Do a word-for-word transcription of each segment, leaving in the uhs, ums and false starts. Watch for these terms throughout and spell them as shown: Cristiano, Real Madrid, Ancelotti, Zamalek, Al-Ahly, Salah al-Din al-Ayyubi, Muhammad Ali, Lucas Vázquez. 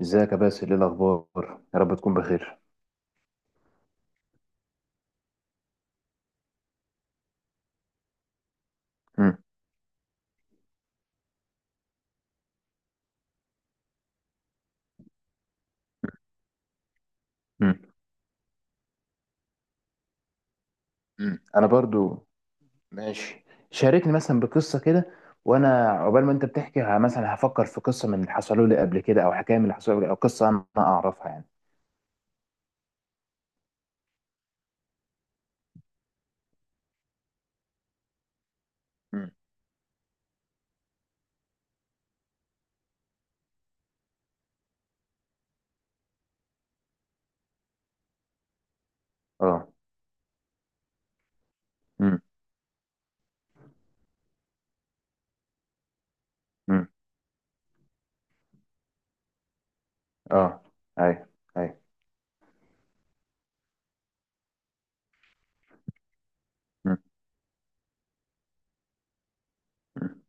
ازيك يا باسل، ايه الاخبار؟ يا رب تكون بخير. مم. مم. مم. انا برضو ماشي. شاركني مثلا بقصه كده، وانا عقبال ما انت بتحكي ه- مثلا هفكر في قصه من اللي حصلوا لي قبل كده، او حكايه من اللي حصلوا لي قبل- او قصه انا اعرفها يعني. مم. اه. مم. مم. اه. اي. اي. مم. مم.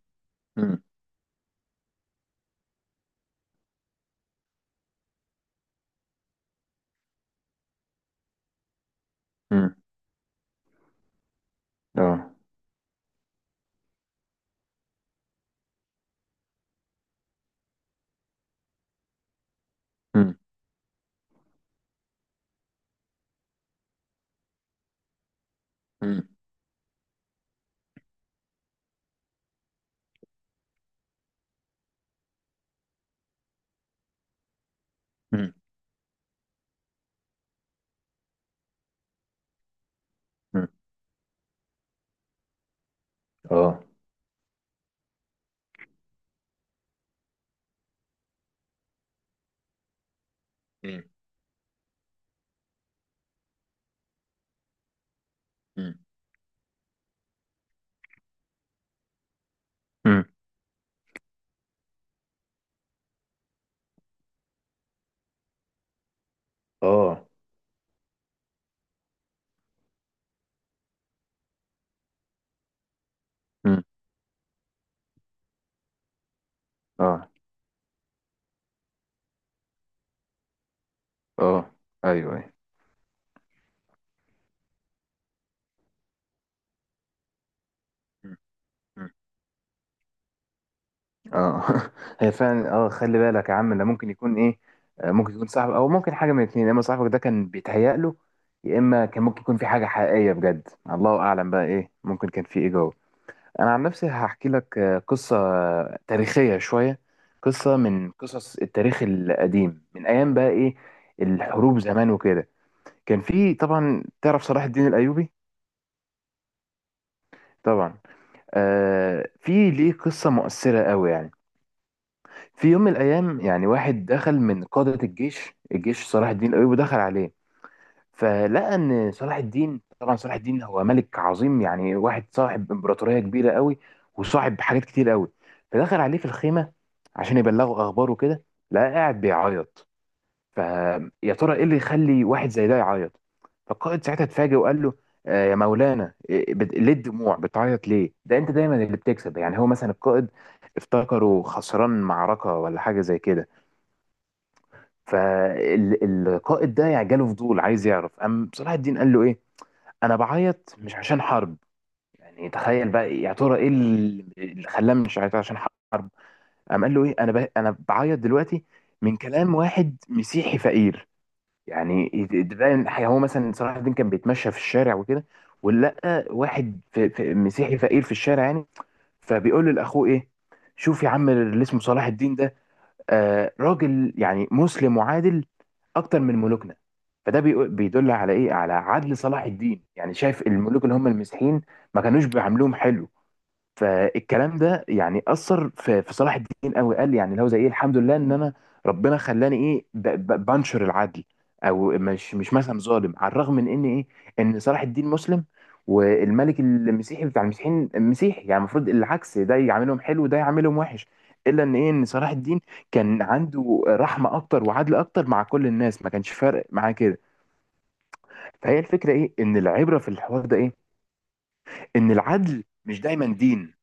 مم. مم. اه. مم. مم. مم. مم. اه. مم. مم. مم. اه. مم. اه. اه. ايوه. ايوه. اه. هي فعلا. اه، خلي بالك يا عم، ده ممكن يكون ايه. آه، ممكن يكون صاحبك، او ممكن حاجه من الاثنين: يا اما صاحبك ده كان بيتهيأ له، يا اما كان ممكن يكون في حاجه حقيقيه بجد. الله اعلم بقى ايه ممكن كان في ايه جوه. انا عن نفسي هحكي لك آه، قصه آه، تاريخيه شويه، قصه من قصص التاريخ القديم، من ايام بقى ايه، الحروب زمان وكده. كان في طبعا، تعرف صلاح الدين الايوبي؟ طبعا. آه في ليه قصه مؤثره قوي يعني. في يوم من الايام يعني واحد دخل من قادة الجيش الجيش صلاح الدين الايوبي، دخل عليه فلقى ان صلاح الدين، طبعا صلاح الدين هو ملك عظيم يعني، واحد صاحب امبراطورية كبيرة قوي، وصاحب حاجات كتير قوي. فدخل عليه في الخيمة عشان يبلغه اخباره كده، لقى قاعد بيعيط. فيا ترى ايه اللي يخلي واحد زي ده يعيط؟ فالقائد ساعتها اتفاجئ وقال له: آه يا مولانا إيه، بت- ليه الدموع؟ بتعيط ليه؟ ده انت دايما اللي بتكسب. يعني هو مثلا القائد افتكره خسران معركة ولا حاجة زي كده. فالقائد ده يعني جاله فضول عايز يعرف. قام صلاح الدين قال له ايه: انا بعيط مش عشان حرب. يعني تخيل بقى، يا ترى ايه اللي اللي خلاه مش عيط عشان حرب. قام قال له ايه، انا ب... انا بعيط دلوقتي من كلام واحد مسيحي فقير. يعني يت- تبان حي- هو مثلا صلاح الدين كان بيتمشى في الشارع وكده، ولقى واحد في في مسيحي فقير في الشارع يعني، فبيقول لأخوه إيه: شوف يا عم اللي اسمه صلاح الدين ده، آه راجل يعني مسلم وعادل أكتر من ملوكنا. فده بيقو- بيدل على إيه؟ على عدل صلاح الدين. يعني شايف الملوك اللي هم المسيحيين ما كانوش بيعاملوهم حلو. فالكلام ده يعني اثر في في صلاح الدين قوي، قال لي يعني لو زي ايه، الحمد لله ان انا ربنا خلاني ايه ب- ب- بنشر العدل، او مش مش مثلا ظالم، على الرغم من ان ايه، ان صلاح الدين مسلم، والملك المسيحي بتاع المسيحيين مسيحي، يعني المفروض العكس، ده يعاملهم حلو وده يعاملهم وحش. الا ان ايه، ان صلاح الدين كان عنده رحمه اكتر وعدل اكتر مع كل الناس، ما كانش فارق معاه كده. فهي الفكره ايه، ان العبره في الحوار ده ايه: ان العدل مش دايما دين.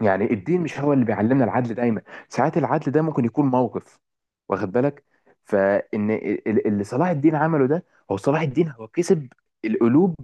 يعني الدين مش هو اللي بيعلمنا العدل دايما، ساعات العدل ده ممكن يكون موقف، واخد بالك. فان ال- اللي صلاح الدين عمله ده، هو صلاح الدين هو كسب القلوب،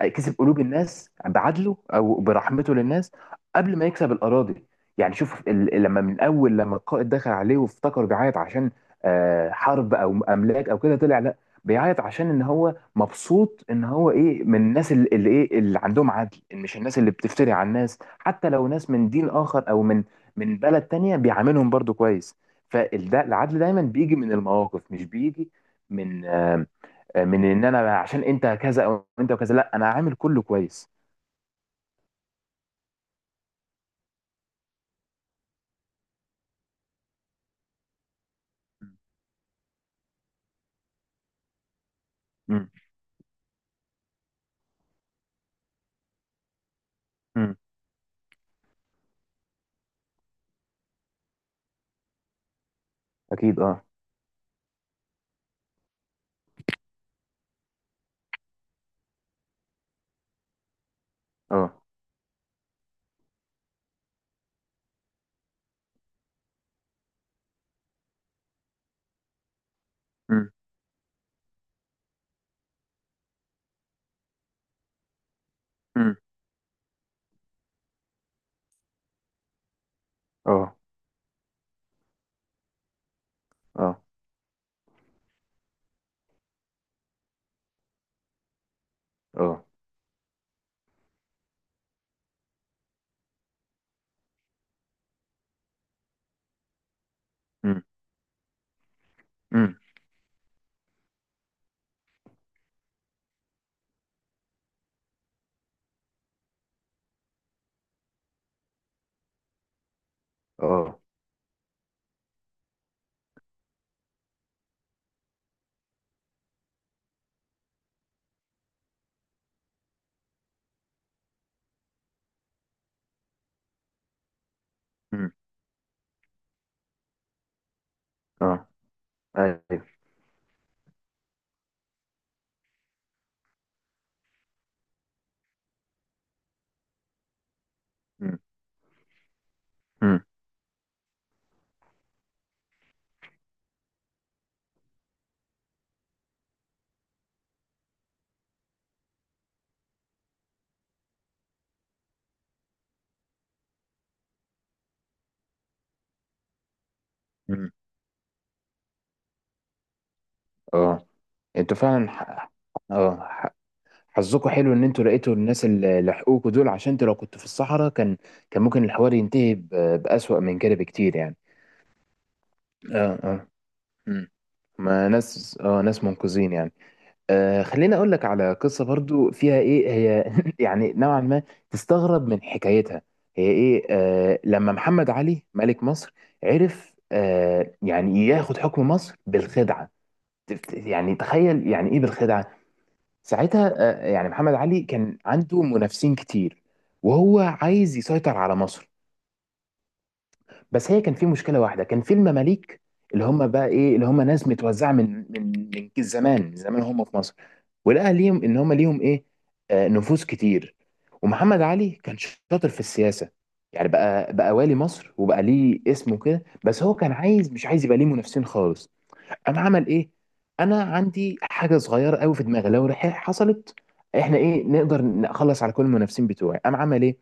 كسب قلوب الناس بعدله او برحمته للناس قبل ما يكسب الاراضي. يعني شوف ال- لما من اول لما القائد دخل عليه، وافتكر بيعيط عشان آه، حرب او املاك او كده، طلع لا، بيعيط عشان ان هو مبسوط ان هو ايه، من الناس اللي, اللي ايه، اللي عندهم عدل، إن مش الناس اللي بتفتري على الناس، حتى لو ناس من دين اخر او من من بلد تانية بيعاملهم برضو كويس. فالده، العدل دايما بيجي من المواقف، مش بيجي من آه، آه، من ان انا عشان انت كذا، او انت وكذا، لا، انا عامل كله كويس. مم. مم. اكيد. اه. اه. مم. مم. اه. اه. اه. مم. مم. اه. مم. اه. ايوه. مم. مم. اه. انتوا فعلا ح- اه ح- حظكم حلو ان انتوا لقيتوا الناس اللي لحقوكوا دول، عشان انتوا لو كنتوا في الصحراء كان كان ممكن الحوار ينتهي ب- بأسوأ من كده بكتير يعني. اه. اه. مم. ما ناس اه ناس منقذين يعني. آه خليني اقول لك على قصة برضو فيها ايه، هي يعني نوعا ما تستغرب من حكايتها. هي ايه، آه لما محمد علي ملك مصر، عرف آه يعني ياخد حكم مصر بالخدعة. تفت- يعني تخيل يعني ايه بالخدعة؟ ساعتها آه، يعني محمد علي كان عنده منافسين كتير، وهو عايز يسيطر على مصر. بس هي كان في مشكله واحده، كان في المماليك، اللي هم بقى ايه، اللي هم ناس متوزعه من من من زمان، من زمان هم في مصر، ولقى ليهم ان هم ليهم ايه، آه، نفوذ كتير. ومحمد علي كان شاطر في السياسه، يعني بقى بقى والي مصر وبقى ليه اسمه كده، بس هو كان عايز، مش عايز يبقى ليه منافسين خالص. انا عمل ايه؟ انا عندي حاجه صغيره قوي في دماغي، لو رح- حصلت احنا ايه، نقدر نخلص على كل المنافسين بتوعي. قام عمل ايه؟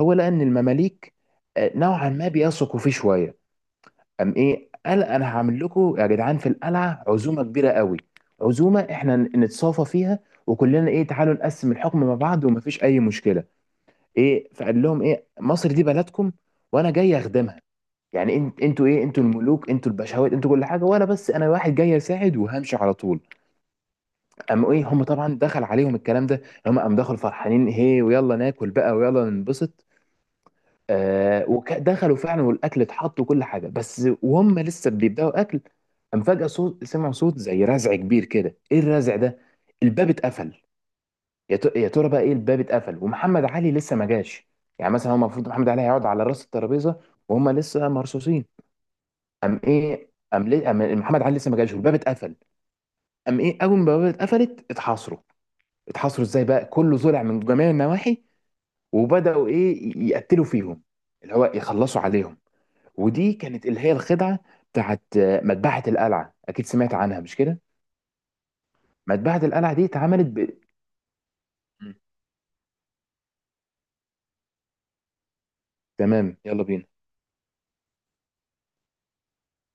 هو لقى ان المماليك آه، نوعا ما بيثقوا فيه شويه. قام ايه، قال انا هعمل لكم يا جدعان في القلعه عزومه كبيره قوي، عزومه احنا ن- نتصافى فيها، وكلنا ايه، تعالوا نقسم الحكم مع بعض ومفيش اي مشكله. ايه، فقال لهم ايه، مصر دي بلدكم وانا جاي اخدمها. يعني انت انتوا ايه، انتوا الملوك، انتوا البشوات، انتوا كل حاجه، وانا بس انا واحد جاي اساعد وهمشي على طول. قاموا ايه، هم طبعا دخل عليهم الكلام ده، هم قام دخلوا فرحانين: هي ويلا ناكل بقى ويلا ننبسط. آه ودخلوا فعلا، والاكل اتحط وكل حاجه، بس وهم لسه بيبداوا اكل، قام فجاه صوت، سمعوا صوت زي رزع كبير كده. ايه الرزع ده؟ الباب اتقفل. يا ت- يا ترى بقى ايه، الباب اتقفل ومحمد علي لسه ما جاش؟ يعني مثلا هو المفروض محمد علي هيقعد على راس الترابيزه وهم لسه مرصوصين. قام ايه، قام ليه؟ قام محمد علي لسه ما جاش والباب اتقفل. قام ايه، اول ما البوابه اتقفلت، اتحاصروا. اتحاصروا ازاي بقى؟ كله ظلع من جميع النواحي، وبداوا ايه، يقتلوا فيهم، اللي هو يخلصوا عليهم. ودي كانت اللي هي الخدعه بتاعت آه، مذبحه القلعه، اكيد سمعت عنها مش كده؟ مذبحه القلعه دي اتعملت. ب... م. تمام، يلا بينا.